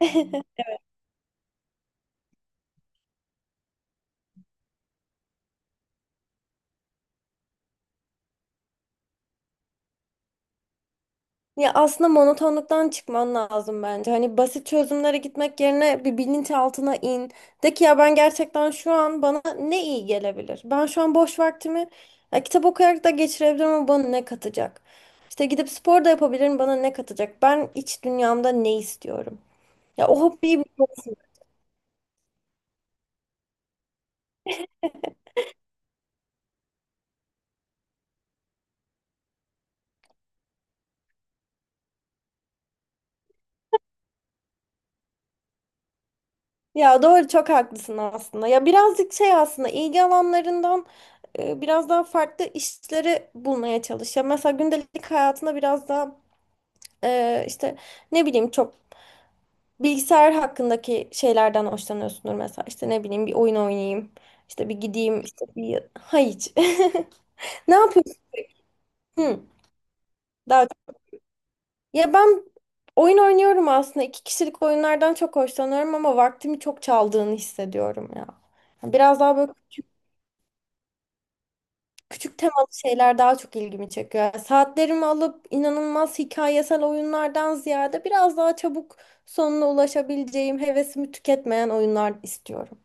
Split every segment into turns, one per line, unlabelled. Ya aslında monotonluktan çıkman lazım bence. Hani basit çözümlere gitmek yerine bir bilinçaltına in. De ki ya ben gerçekten şu an bana ne iyi gelebilir? Ben şu an boş vaktimi ya kitap okuyarak da geçirebilirim ama bana ne katacak? İşte gidip spor da yapabilirim bana ne katacak? Ben iç dünyamda ne istiyorum? Ya o hobiyi bir Ya doğru çok haklısın aslında. Ya birazcık şey aslında ilgi alanlarından biraz daha farklı işleri bulmaya çalış. Ya mesela gündelik hayatında biraz daha işte ne bileyim çok bilgisayar hakkındaki şeylerden hoşlanıyorsundur mesela. İşte ne bileyim bir oyun oynayayım. İşte bir gideyim işte bir ha hiç. Ne yapıyorsun? Hı, daha ya ben oyun oynuyorum aslında. İki kişilik oyunlardan çok hoşlanıyorum ama vaktimi çok çaldığını hissediyorum ya. Biraz daha böyle. Küçük temalı şeyler daha çok ilgimi çekiyor. Yani saatlerimi alıp inanılmaz hikayesel oyunlardan ziyade biraz daha çabuk sonuna ulaşabileceğim, hevesimi tüketmeyen oyunlar istiyorum.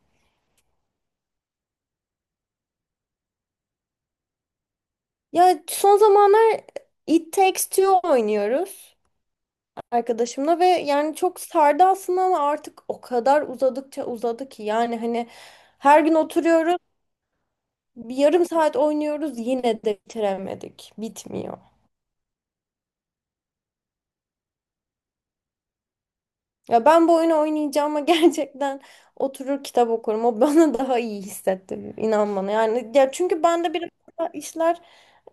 Ya son zamanlar It Takes Two oynuyoruz arkadaşımla ve yani çok sardı aslında ama artık o kadar uzadıkça uzadı ki yani hani her gün oturuyoruz, bir yarım saat oynuyoruz yine de bitiremedik. Bitmiyor. Ya ben bu oyunu oynayacağıma gerçekten oturur kitap okurum. O bana daha iyi hissetti. İnan bana. Yani ya çünkü bende biraz daha işler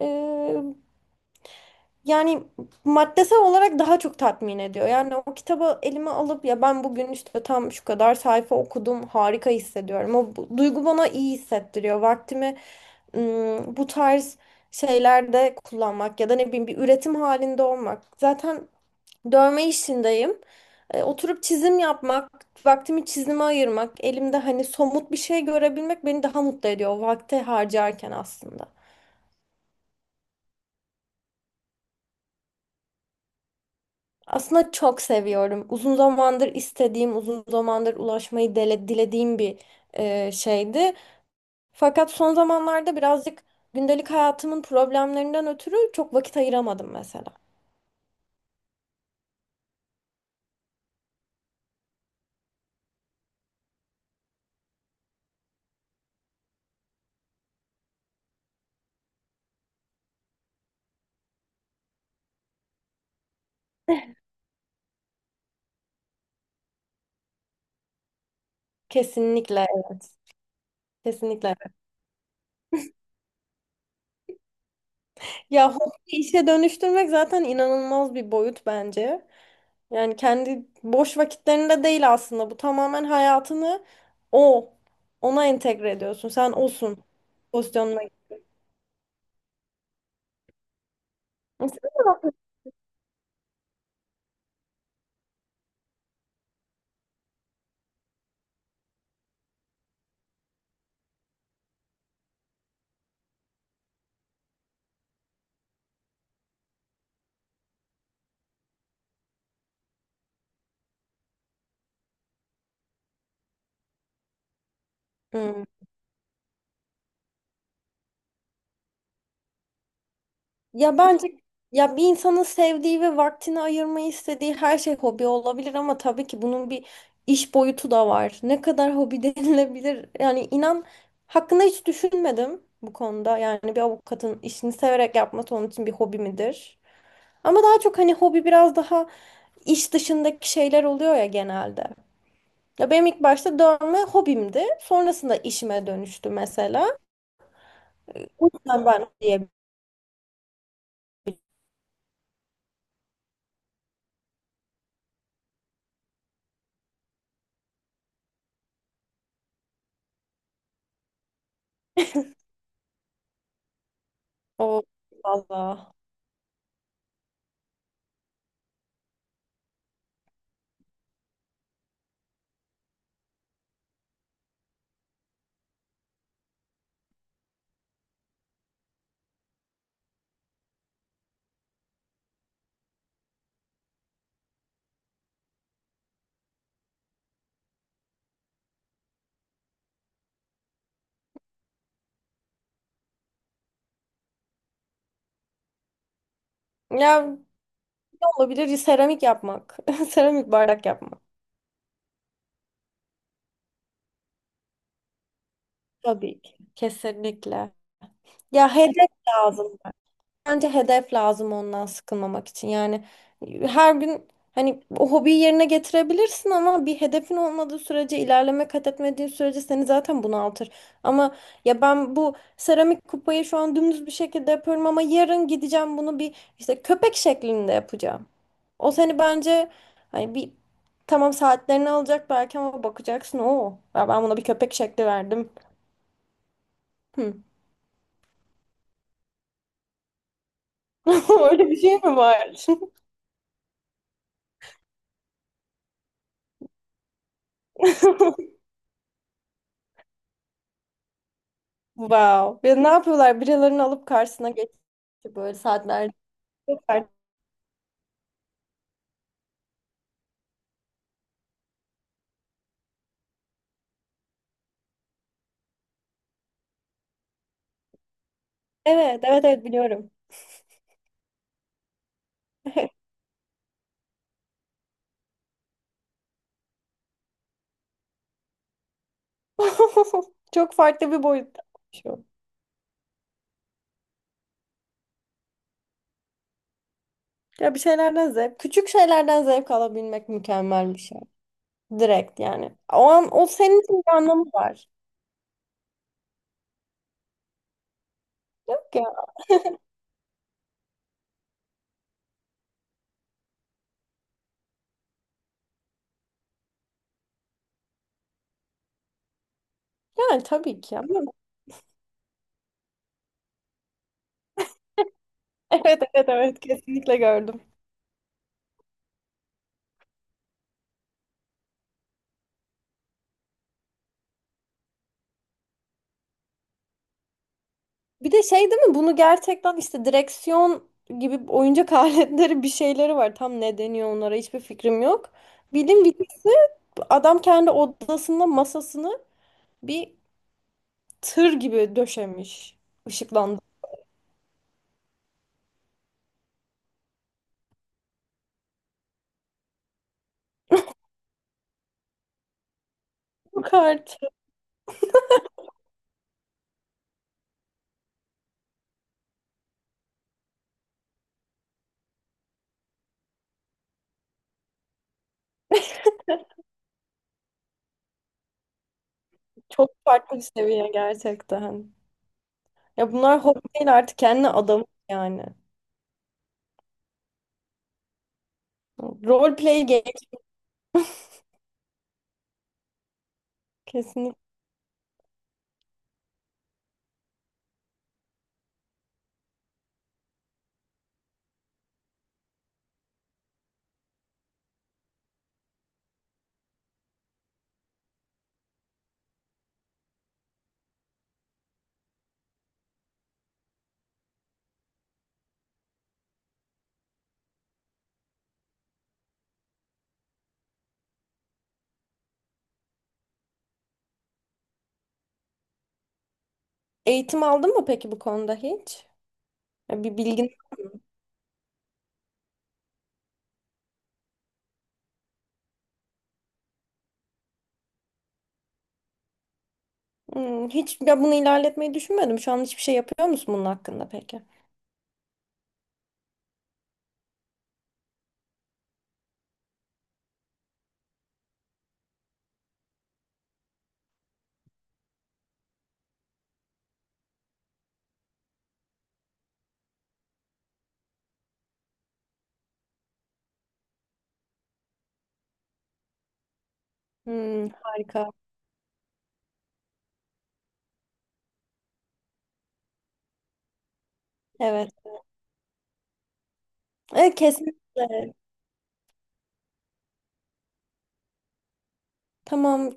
e, yani maddesel olarak daha çok tatmin ediyor. Yani o kitabı elime alıp ya ben bugün işte tam şu kadar sayfa okudum harika hissediyorum. O duygu bana iyi hissettiriyor. Vaktimi bu tarz şeylerde kullanmak ya da ne bileyim bir üretim halinde olmak. Zaten dövme işindeyim. Oturup çizim yapmak, vaktimi çizime ayırmak, elimde hani somut bir şey görebilmek beni daha mutlu ediyor o vakti harcarken aslında. Aslında çok seviyorum. Uzun zamandır istediğim, uzun zamandır ulaşmayı dilediğim bir şeydi. Fakat son zamanlarda birazcık gündelik hayatımın problemlerinden ötürü çok vakit ayıramadım mesela. Kesinlikle, evet, kesinlikle. Ya hobi işe dönüştürmek zaten inanılmaz bir boyut bence. Yani kendi boş vakitlerinde değil aslında. Bu tamamen hayatını o, ona entegre ediyorsun. Sen osun pozisyonuna. Mesela- Hmm. Ya bence ya bir insanın sevdiği ve vaktini ayırmayı istediği her şey hobi olabilir ama tabii ki bunun bir iş boyutu da var. Ne kadar hobi denilebilir? Yani inan hakkında hiç düşünmedim bu konuda. Yani bir avukatın işini severek yapması onun için bir hobi midir? Ama daha çok hani hobi biraz daha iş dışındaki şeyler oluyor ya genelde. Ya benim ilk başta dövme hobimdi. Sonrasında işime dönüştü mesela. O yüzden ben diye o. Allah. Ya ne olabilir? Seramik yapmak. Seramik bardak yapmak. Tabii ki. Kesinlikle. Ya hedef lazım. Bence hedef lazım ondan sıkılmamak için. Yani her gün hani o hobiyi yerine getirebilirsin ama bir hedefin olmadığı sürece, ilerleme kat etmediğin sürece seni zaten bunaltır. Ama ya ben bu seramik kupayı şu an dümdüz bir şekilde yapıyorum ama yarın gideceğim bunu bir işte köpek şeklinde yapacağım. O seni bence hani bir tamam saatlerini alacak belki ama bakacaksın o. Ya ben buna bir köpek şekli verdim. Hmm. Öyle bir şey mi var? Wow. Ya ne yapıyorlar? Birilerini alıp karşısına geçiyor böyle saatler. Çok farklı. Evet, evet, evet biliyorum. Çok farklı bir boyutta şu. Ya bir şeylerden zevk, küçük şeylerden zevk alabilmek mükemmel bir şey. Direkt yani. O an o senin için bir anlamı var. Yok ya. Yani tabii ki. Evet, evet, evet kesinlikle gördüm. Bir de şey değil mi bunu gerçekten işte direksiyon gibi oyuncak aletleri bir şeyleri var. Tam ne deniyor onlara hiçbir fikrim yok. Bildim birisi adam kendi odasında masasını bir tır gibi döşemiş. Işıklandı. Çok artık. Çok farklı bir seviye gerçekten. Ya bunlar hobi değil artık kendi adamı yani. Role play game kesinlikle. Eğitim aldın mı peki bu konuda hiç? Ya bir bilgin var mı? Hmm, hiç ya bunu ilerletmeyi düşünmedim. Şu an hiçbir şey yapıyor musun bunun hakkında peki? Hmm, harika. Evet. Evet kesinlikle. Tamam.